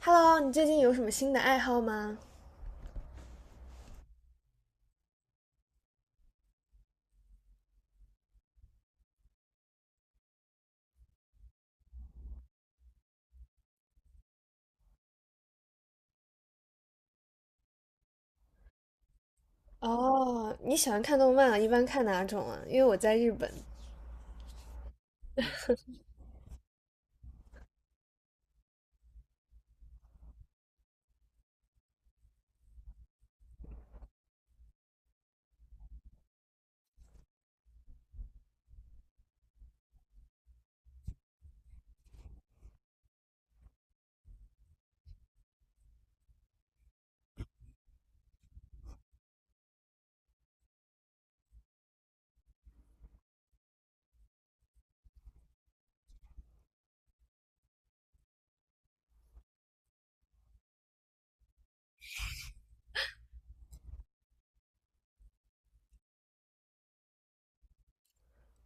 Hello，你最近有什么新的爱好吗？哦，你喜欢看动漫啊？一般看哪种啊？因为我在日本。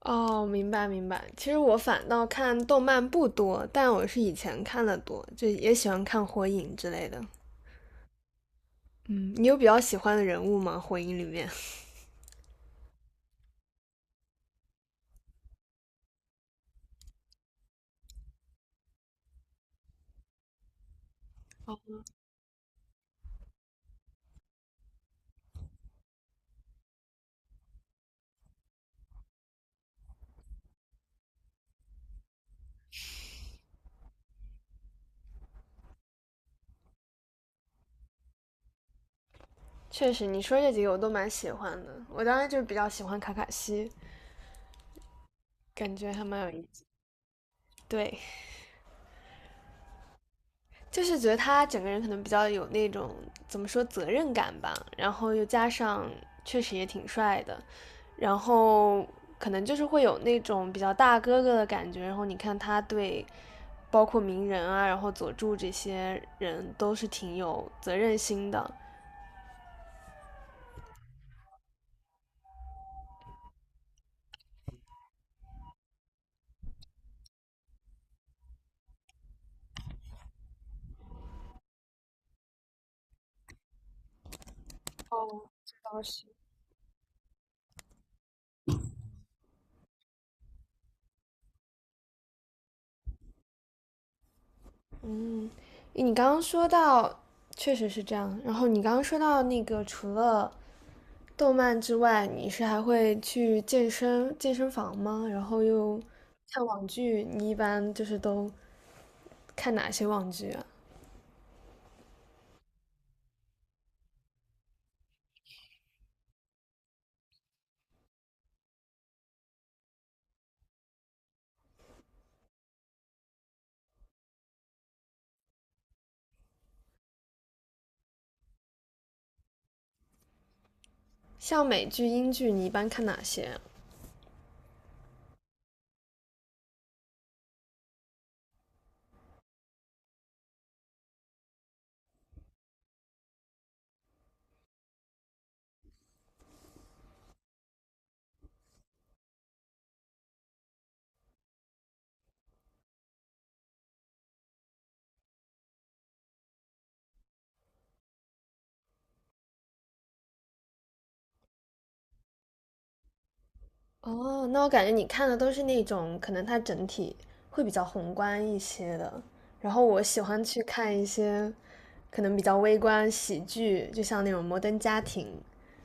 哦，明白明白。其实我反倒看动漫不多，但我是以前看的多，就也喜欢看火影之类的。嗯，你有比较喜欢的人物吗？火影里面？确实，你说这几个我都蛮喜欢的。我当时就比较喜欢卡卡西，感觉还蛮有意思。对。就是觉得他整个人可能比较有那种怎么说责任感吧，然后又加上确实也挺帅的，然后可能就是会有那种比较大哥哥的感觉。然后你看他对包括鸣人啊，然后佐助这些人都是挺有责任心的。嗯，你刚刚说到，确实是这样。然后你刚刚说到那个，除了动漫之外，你是还会去健身健身房吗？然后又看网剧，你一般就是都看哪些网剧啊？像美剧、英剧，你一般看哪些啊哦，那我感觉你看的都是那种可能它整体会比较宏观一些的，然后我喜欢去看一些可能比较微观喜剧，就像那种《摩登家庭》，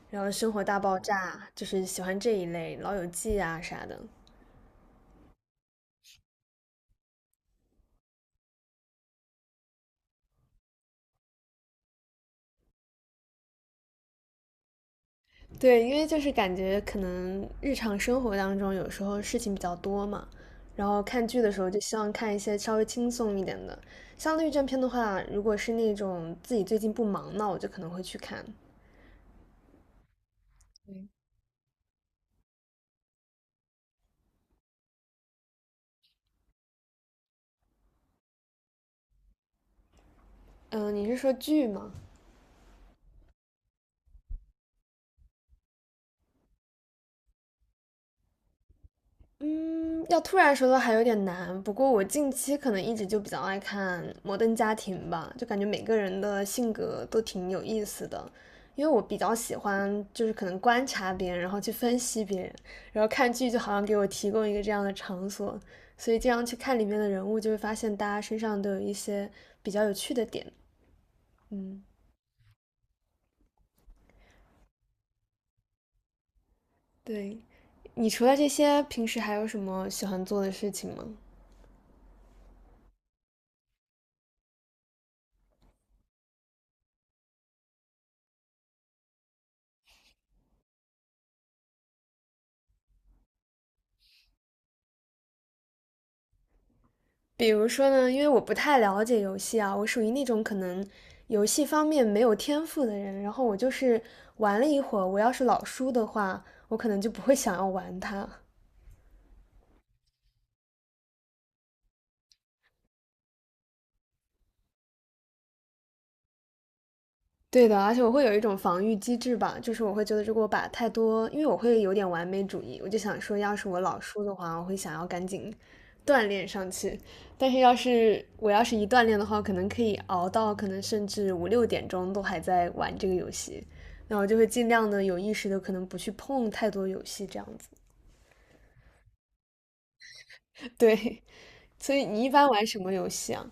然后《生活大爆炸》，就是喜欢这一类，《老友记》啊啥的。对，因为就是感觉可能日常生活当中有时候事情比较多嘛，然后看剧的时候就希望看一些稍微轻松一点的。像律政片的话，如果是那种自己最近不忙，那我就可能会去看。嗯、你是说剧吗？嗯，要突然说到还有点难，不过我近期可能一直就比较爱看《摩登家庭》吧，就感觉每个人的性格都挺有意思的，因为我比较喜欢就是可能观察别人，然后去分析别人，然后看剧就好像给我提供一个这样的场所，所以经常去看里面的人物，就会发现大家身上都有一些比较有趣的点。嗯，对。你除了这些，平时还有什么喜欢做的事情吗？比如说呢，因为我不太了解游戏啊，我属于那种可能游戏方面没有天赋的人。然后我就是玩了一会儿，我要是老输的话，我可能就不会想要玩它。对的，而且我会有一种防御机制吧，就是我会觉得如果把太多，因为我会有点完美主义，我就想说，要是我老输的话，我会想要赶紧锻炼上去。但是要是我一锻炼的话，可能可以熬到可能甚至5、6点钟都还在玩这个游戏，那我就会尽量的有意识的可能不去碰太多游戏这样子。对，所以你一般玩什么游戏啊？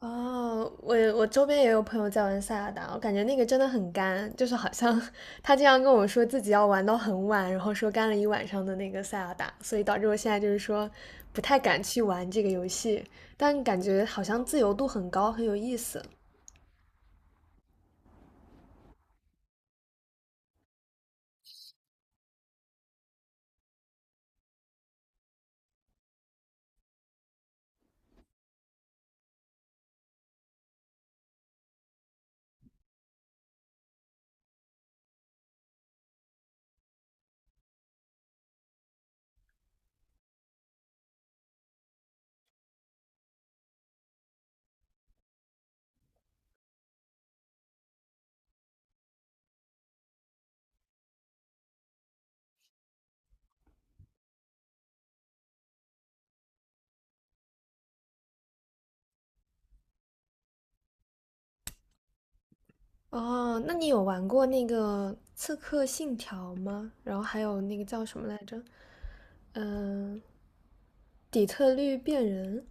哦，我周边也有朋友在玩塞尔达，我感觉那个真的很干，就是好像 他经常跟我说自己要玩到很晚，然后说干了一晚上的那个塞尔达，所以导致我现在就是说不太敢去玩这个游戏，但感觉好像自由度很高，很有意思。哦，那你有玩过那个《刺客信条》吗？然后还有那个叫什么来着？嗯、底特律变人。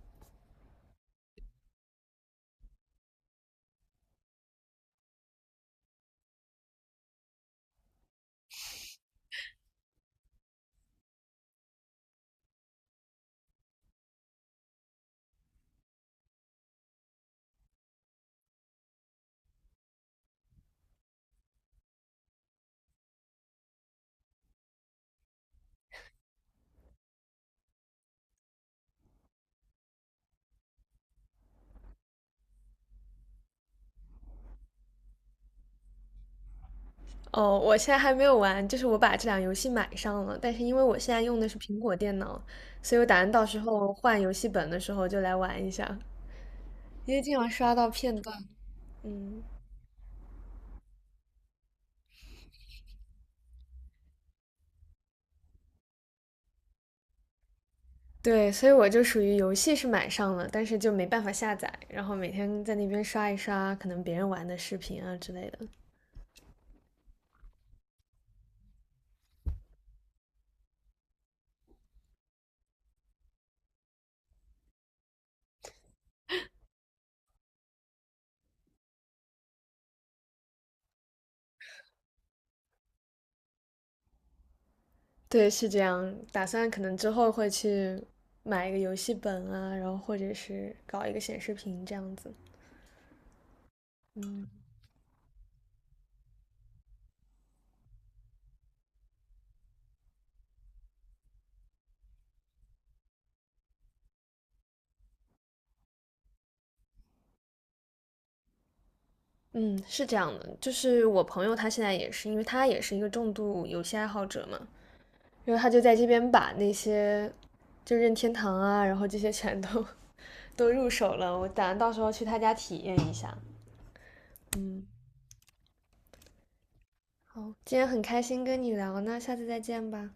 哦，我现在还没有玩，就是我把这两游戏买上了，但是因为我现在用的是苹果电脑，所以我打算到时候换游戏本的时候就来玩一下，因为经常刷到片段。嗯，对，所以我就属于游戏是买上了，但是就没办法下载，然后每天在那边刷一刷可能别人玩的视频啊之类的。对，是这样，打算可能之后会去买一个游戏本啊，然后或者是搞一个显示屏这样子。嗯，是这样的，就是我朋友他现在也是，因为他也是一个重度游戏爱好者嘛，然后他就在这边把那些就任天堂啊，然后这些全都 都入手了，我打算到时候去他家体验一下。嗯，好，今天很开心跟你聊，那下次再见吧。